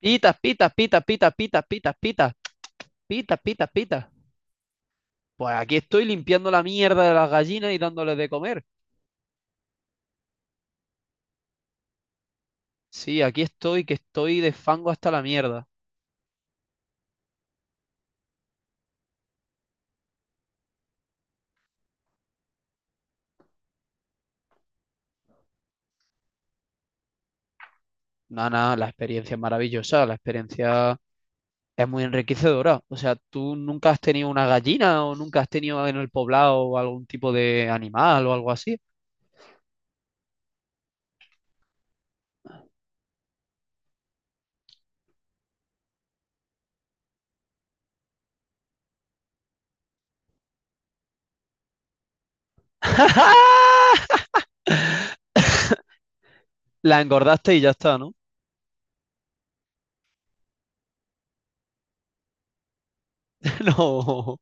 Pitas, pitas, pitas, pitas, pitas, pitas, pitas, pitas, pitas, pitas. Pues aquí estoy limpiando la mierda de las gallinas y dándoles de comer. Sí, aquí estoy, que estoy de fango hasta la mierda. No, no, la experiencia es maravillosa, la experiencia es muy enriquecedora. O sea, ¿tú nunca has tenido una gallina o nunca has tenido en el poblado algún tipo de animal o algo así? La engordaste y ya está, ¿no? No,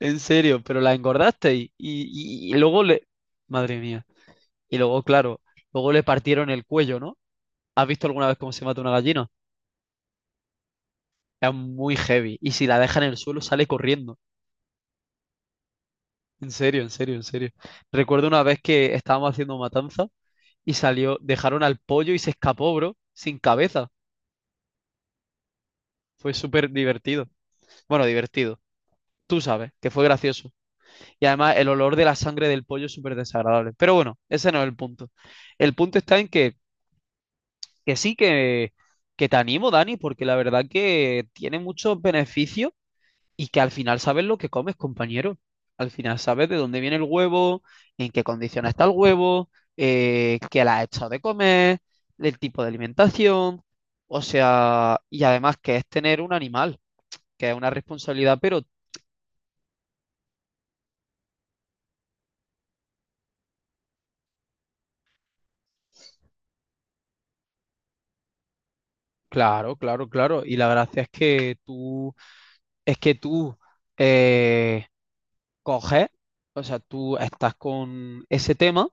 en serio, pero la engordaste y luego le... Madre mía. Y luego, claro, luego le partieron el cuello, ¿no? ¿Has visto alguna vez cómo se mata una gallina? Es muy heavy. Y si la deja en el suelo, sale corriendo. En serio, en serio, en serio. Recuerdo una vez que estábamos haciendo matanza y salió, dejaron al pollo y se escapó, bro, sin cabeza. Fue súper divertido. Bueno, divertido. Tú sabes que fue gracioso. Y además el olor de la sangre del pollo es súper desagradable. Pero bueno, ese no es el punto. El punto está en que, que te animo, Dani, porque la verdad que tiene muchos beneficios. Y que al final sabes lo que comes, compañero. Al final sabes de dónde viene el huevo, en qué condiciones está el huevo, qué le has echado de comer, el tipo de alimentación. O sea, y además que es tener un animal, que es una responsabilidad, pero claro, claro, claro. Y la gracia es que tú eh, coges, o sea, tú estás con ese tema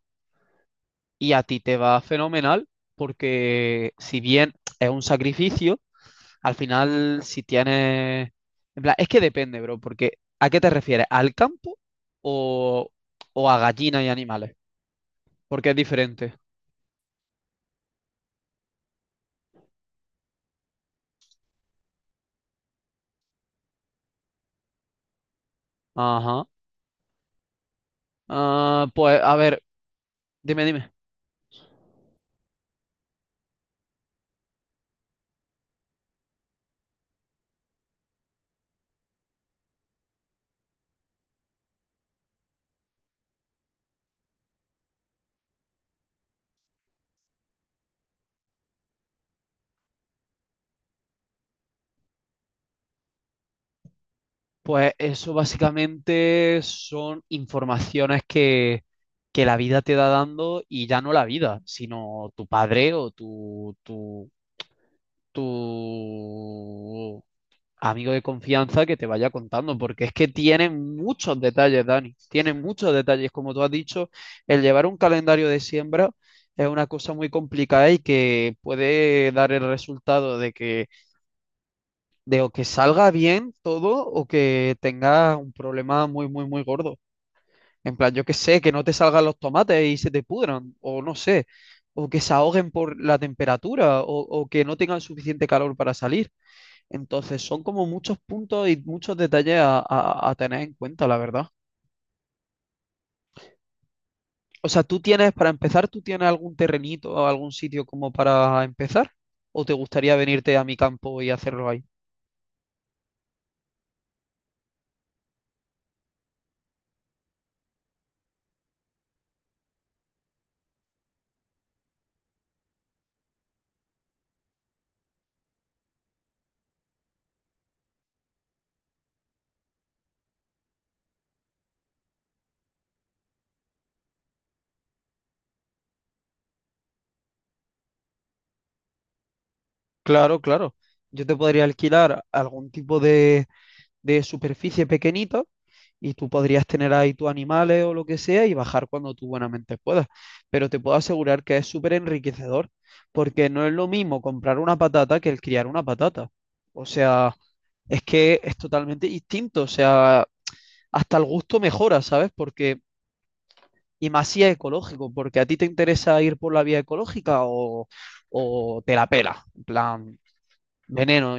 y a ti te va fenomenal porque, si bien es un sacrificio... Al final, si tienes... En plan, es que depende, bro, porque ¿a qué te refieres? ¿Al campo o, o a gallinas y animales? Porque es diferente. Ajá. Ah, pues, a ver, dime, dime. Pues eso básicamente son informaciones que la vida te da dando, y ya no la vida, sino tu padre o tu amigo de confianza que te vaya contando, porque es que tienen muchos detalles, Dani, tienen muchos detalles. Como tú has dicho, el llevar un calendario de siembra es una cosa muy complicada y que puede dar el resultado de que de o que salga bien todo o que tengas un problema muy, muy, muy gordo. En plan, yo que sé, que no te salgan los tomates y se te pudran, o no sé, o que se ahoguen por la temperatura, o que no tengan suficiente calor para salir. Entonces, son como muchos puntos y muchos detalles a tener en cuenta, la verdad. O sea, tú tienes, para empezar, ¿tú tienes algún terrenito o algún sitio como para empezar? ¿O te gustaría venirte a mi campo y hacerlo ahí? Claro, claro. Yo te podría alquilar algún tipo de superficie pequeñitos y tú podrías tener ahí tus animales o lo que sea y bajar cuando tú buenamente puedas. Pero te puedo asegurar que es súper enriquecedor porque no es lo mismo comprar una patata que el criar una patata. O sea, es que es totalmente distinto. O sea, hasta el gusto mejora, ¿sabes? Porque, y más si es ecológico, porque a ti te interesa ir por la vía ecológica o te la pela, en plan, veneno.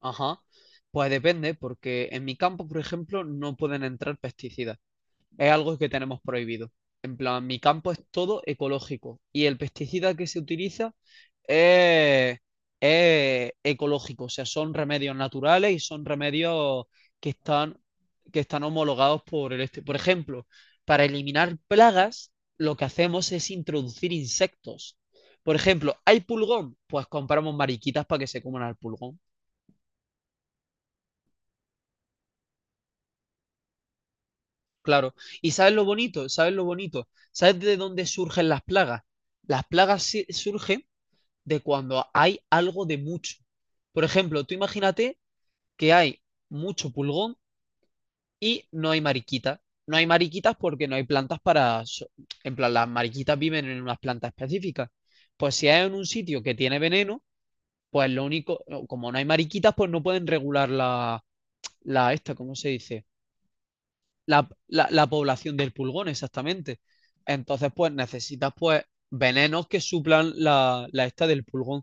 Ajá. Pues depende, porque en mi campo, por ejemplo, no pueden entrar pesticidas. Es algo que tenemos prohibido. En plan, mi campo es todo ecológico y el pesticida que se utiliza es, es ecológico. O sea, son remedios naturales y son remedios que están, que están homologados por el este. Por ejemplo, para eliminar plagas, lo que hacemos es introducir insectos. Por ejemplo, ¿hay pulgón? Pues compramos mariquitas para que se coman al pulgón. Claro. ¿Y sabes lo bonito? ¿Sabes lo bonito? ¿Sabes de dónde surgen las plagas? Las plagas surgen de cuando hay algo de mucho. Por ejemplo, tú imagínate que hay mucho pulgón y no hay mariquitas. No hay mariquitas porque no hay plantas para... En plan, las mariquitas viven en unas plantas específicas. Pues si hay en un sitio que tiene veneno, pues lo único, como no hay mariquitas, pues no pueden regular la, la esta, ¿cómo se dice? La, la población del pulgón, exactamente. Entonces, pues necesitas pues venenos que suplan la, la esta del pulgón.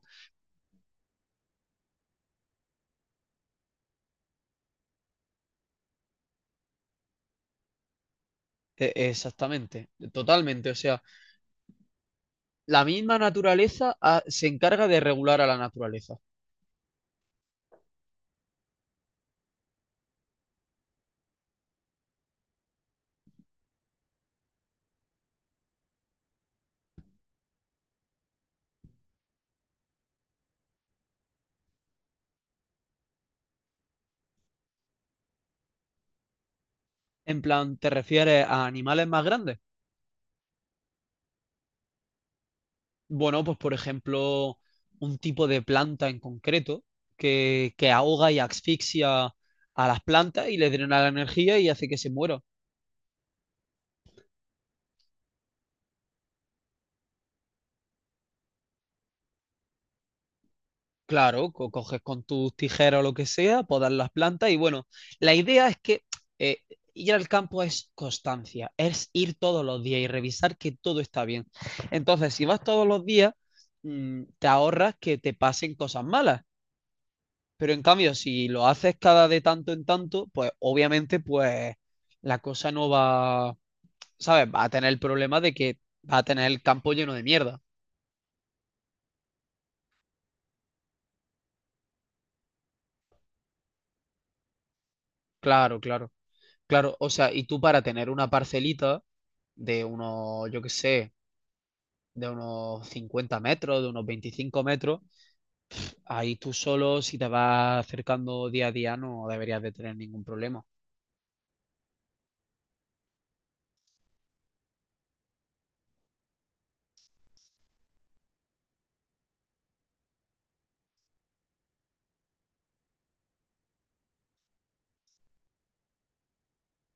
Exactamente, totalmente. O sea, la misma naturaleza se encarga de regular a la naturaleza. En plan, ¿te refieres a animales más grandes? Bueno, pues por ejemplo, un tipo de planta en concreto que ahoga y asfixia a las plantas y les drena la energía y hace que se mueran. Claro, coges con tus tijeras o lo que sea, podas las plantas y bueno, la idea es que eh, ir al campo es constancia, es ir todos los días y revisar que todo está bien. Entonces, si vas todos los días, te ahorras que te pasen cosas malas, pero en cambio, si lo haces cada de tanto en tanto, pues obviamente pues la cosa no va, ¿sabes? Va a tener el problema de que va a tener el campo lleno de mierda. Claro, claro. Claro, o sea, y tú para tener una parcelita de unos, yo qué sé, de unos 50 metros, de unos 25 metros, ahí tú solo, si te vas acercando día a día, no deberías de tener ningún problema.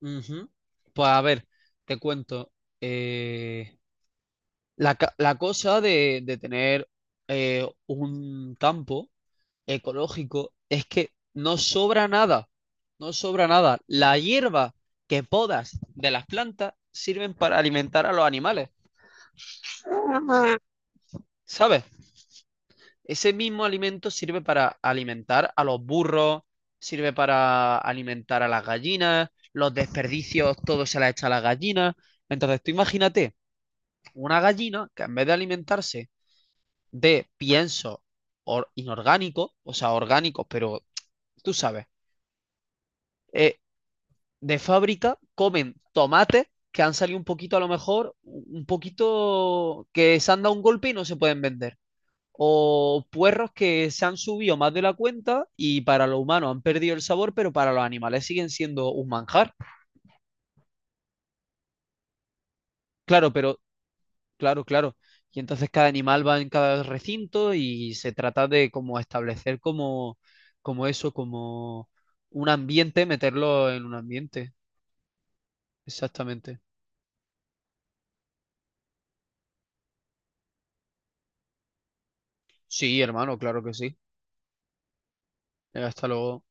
Ujú. Pues a ver, te cuento. eh, La, la cosa de tener un campo ecológico es que no sobra nada, no sobra nada. La hierba que podas de las plantas sirven para alimentar a los animales, ¿sabes? Ese mismo alimento sirve para alimentar a los burros, sirve para alimentar a las gallinas, los desperdicios, todo se la echa a las gallinas. Entonces, tú imagínate una gallina que en vez de alimentarse de pienso inorgánico, o sea, orgánicos, pero tú sabes, eh, de fábrica, comen tomates que han salido un poquito a lo mejor, un poquito que se han dado un golpe y no se pueden vender. O puerros que se han subido más de la cuenta y para los humanos han perdido el sabor, pero para los animales siguen siendo un manjar. Claro, pero claro, claro. Y entonces cada animal va en cada recinto y se trata de como establecer como, como eso, como un ambiente, meterlo en un ambiente. Exactamente. Sí, hermano, claro que sí. Hasta luego.